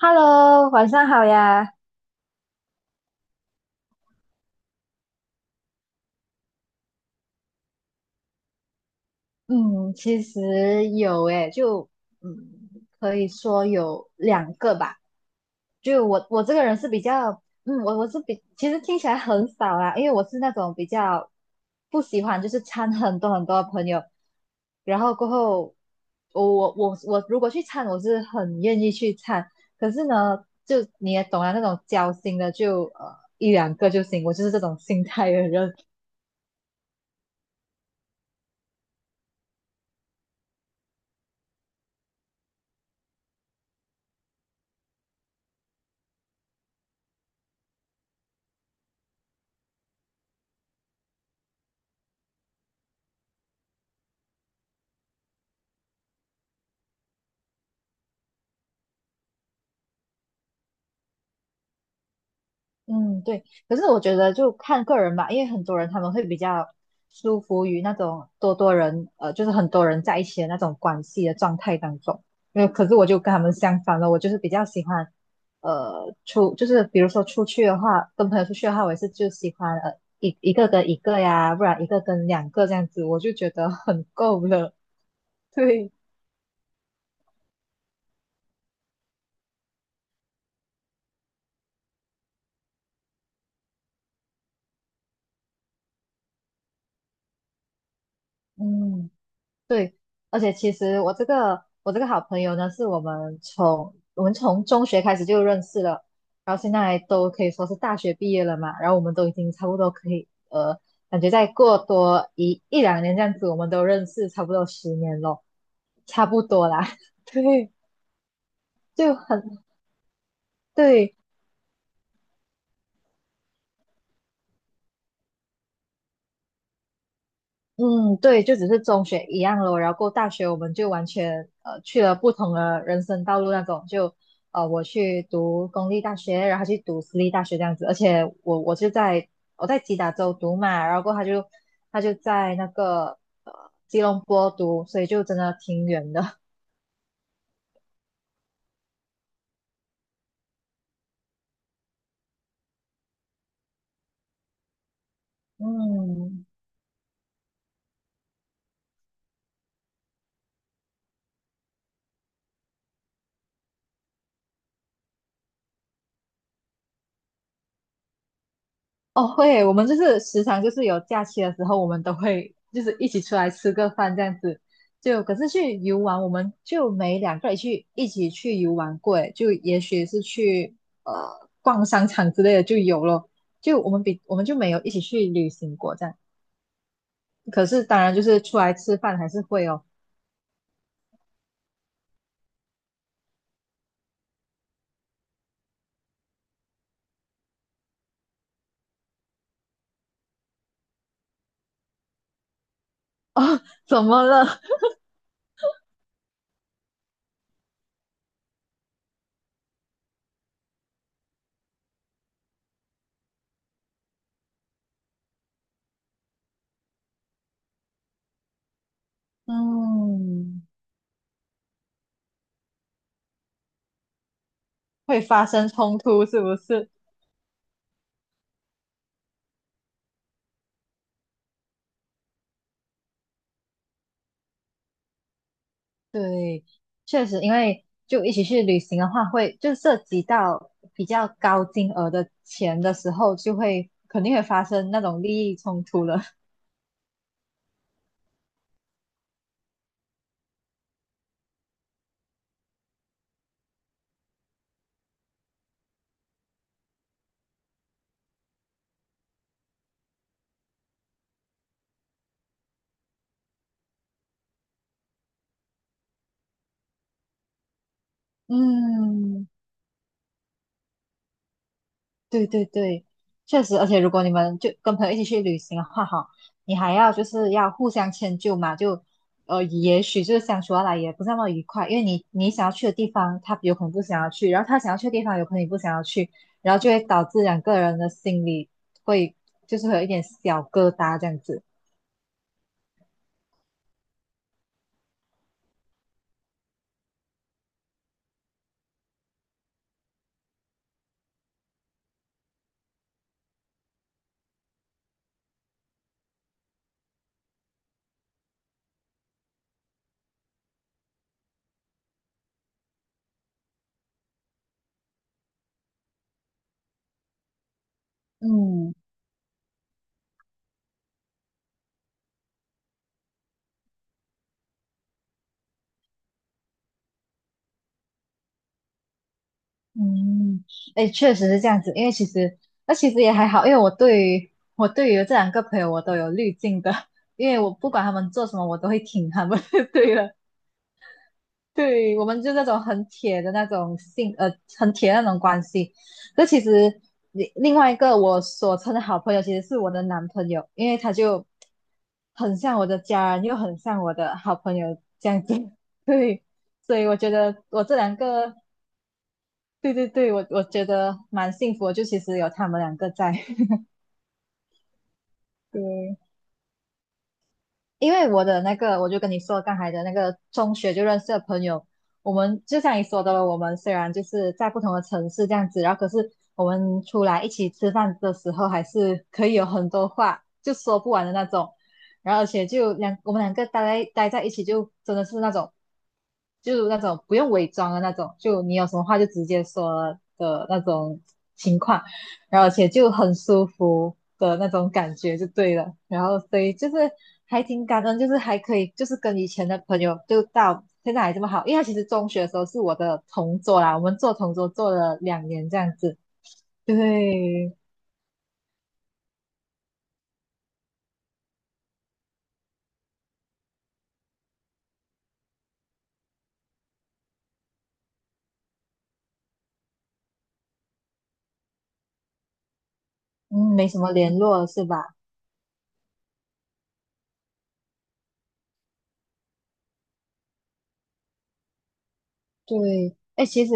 Hello，晚上好呀。嗯，其实有诶，嗯，可以说有两个吧。就我这个人是比较，我我是比，其实听起来很少啦，因为我是那种比较不喜欢就是掺很多朋友，然后过后我我如果去掺，我是很愿意去掺，可是呢，就你也懂啊，那种交心的就1两个就行，我就是这种心态的人，嗯，对。可是我觉得就看个人吧，因为很多人他们会比较舒服于那种多多人，就是很多人在一起的那种关系的状态当中。因为可是我就跟他们相反了，我就是比较喜欢，出就是比如说出去的话，跟朋友出去的话，我也是就喜欢一个跟一个呀，不然1个跟2个这样子，我就觉得很够了。对，嗯。对，而且其实我这个好朋友呢，是我们从中学开始就认识了，然后现在都可以说是大学毕业了嘛，然后我们都已经差不多可以感觉再过多1两年这样子，我们都认识差不多10年咯，差不多啦，对，就很对。嗯，对，就只是中学一样咯，然后过大学我们就完全去了不同的人生道路那种，我去读公立大学，然后他去读私立大学这样子，而且我在吉打州读嘛，然后过后他就在那个吉隆坡读，所以就真的挺远的，嗯。哦，会，我们就是时常就是有假期的时候，我们都会就是一起出来吃个饭这样子。就可是去游玩，我们就没两个人去一起去游玩过，诶就也许是去呃逛商场之类的就有咯。就我们比我们就没有一起去旅行过这样。可是当然就是出来吃饭还是会哦。怎么了？嗯，会发生冲突是不是？对，确实，因为就一起去旅行的话会，就涉及到比较高金额的钱的时候，就会肯定会发生那种利益冲突了。嗯，对对对，确实，而且如果你们就跟朋友一起去旅行的话，哈，你还要就是要互相迁就嘛，也许就是相处下来也不是那么愉快，因为你想要去的地方，他有可能不想要去，然后他想要去的地方，有可能你不想要去，然后就会导致两个人的心里会就是会有一点小疙瘩这样子，嗯。嗯，哎，确实是这样子，因为其实也还好，因为我对于这两个朋友我都有滤镜的，因为我不管他们做什么，我都会挺他们。对了，对，我们就那种很铁的那种关系。那其实另外一个我所称的好朋友，其实是我的男朋友，因为他就很像我的家人，又很像我的好朋友这样子。对，所以我觉得我这两个对对对，我觉得蛮幸福的就其实有他们两个在。对，因为我的那个，我就跟你说刚才的那个中学就认识的朋友，我们就像你说的了，我们虽然就是在不同的城市这样子，然后可是我们出来一起吃饭的时候，还是可以有很多话就说不完的那种。然后而且我们两个待在一起，就真的是那种，就那种不用伪装的那种，就你有什么话就直接说的那种情况。然后而且就很舒服的那种感觉就对了。然后所以就是还挺感恩，就是还可以就是跟以前的朋友就到现在还这么好，因为他其实中学的时候是我的同桌啦，我们做同桌做了两年这样子，就会嗯，没什么联络是吧？对，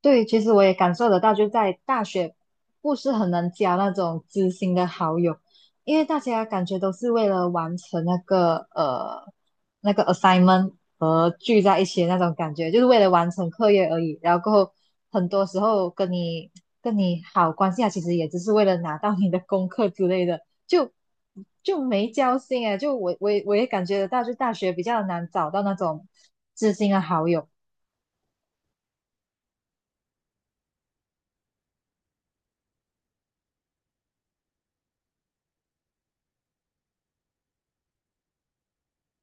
对，其实我也感受得到，就在大学不是很能交那种知心的好友，因为大家感觉都是为了完成那个 assignment 和聚在一起的那种感觉，就是为了完成课业而已。然后过后很多时候跟你好关系啊，其实也只是为了拿到你的功课之类的，就就没交心哎。就我也感觉得到，就大学比较难找到那种知心的好友。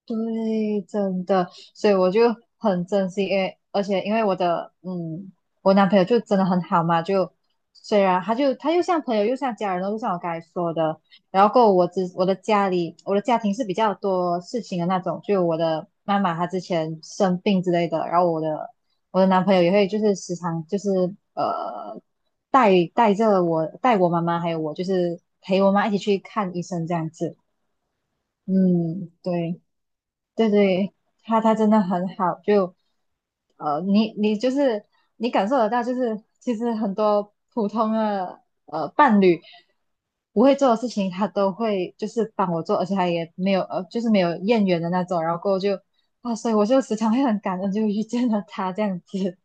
对，真的，所以我就很珍惜，因为因为我的嗯，我男朋友就真的很好嘛，就虽然他又像朋友又像家人又就像我刚才说的，然后过后我的家庭是比较多事情的那种，就我的妈妈她之前生病之类的，然后我的男朋友也会就是时常就是呃带着我带我妈妈还有我就是陪我妈一起去看医生这样子，嗯，对。对对，他真的很好，你就是你感受得到，就是其实很多普通的伴侣不会做的事情，他都会就是帮我做，而且他也没有就是没有怨言的那种，然后过后就啊，所以我就时常会很感恩，就遇见了他这样子。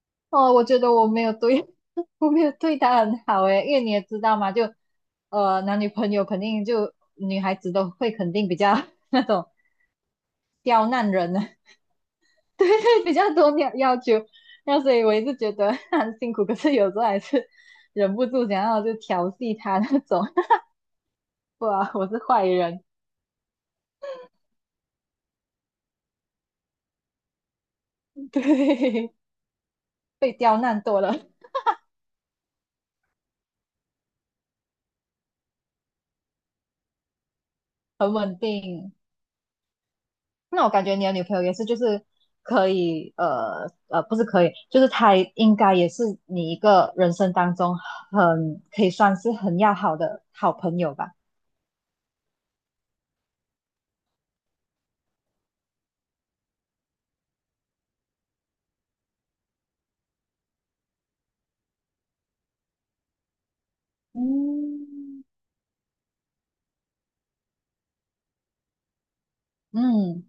哦，我觉得我没有对，我没有对他很好诶，因为你也知道嘛，男女朋友肯定就女孩子都会肯定比较 那种刁难人啊 比较多要求，那所以我一直觉得 他很辛苦，可是有时候还是 忍不住想要就调戏他那种，不啊，我是坏人，对，被刁难多了，很稳定。那我感觉你的女朋友也是，就是可以，呃呃，不是可以，就是她应该也是你一个人生当中很可以算是很要好的好朋友吧。嗯，嗯。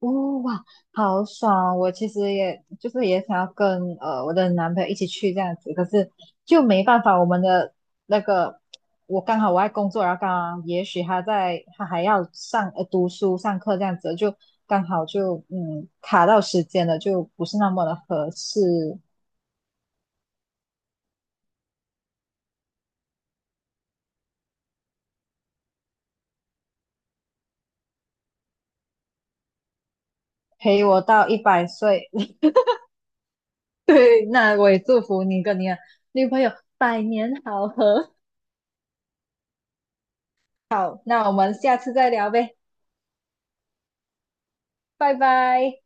哦哇，好爽！我其实也就是也想要跟我的男朋友一起去这样子，可是就没办法，我们的那个我刚好我在工作，然后刚好也许他还要上读书上课这样子，就刚好就卡到时间了，就不是那么的合适。陪我到100岁，对，那我也祝福你跟你的女朋友百年好合。好，那我们下次再聊呗，拜拜。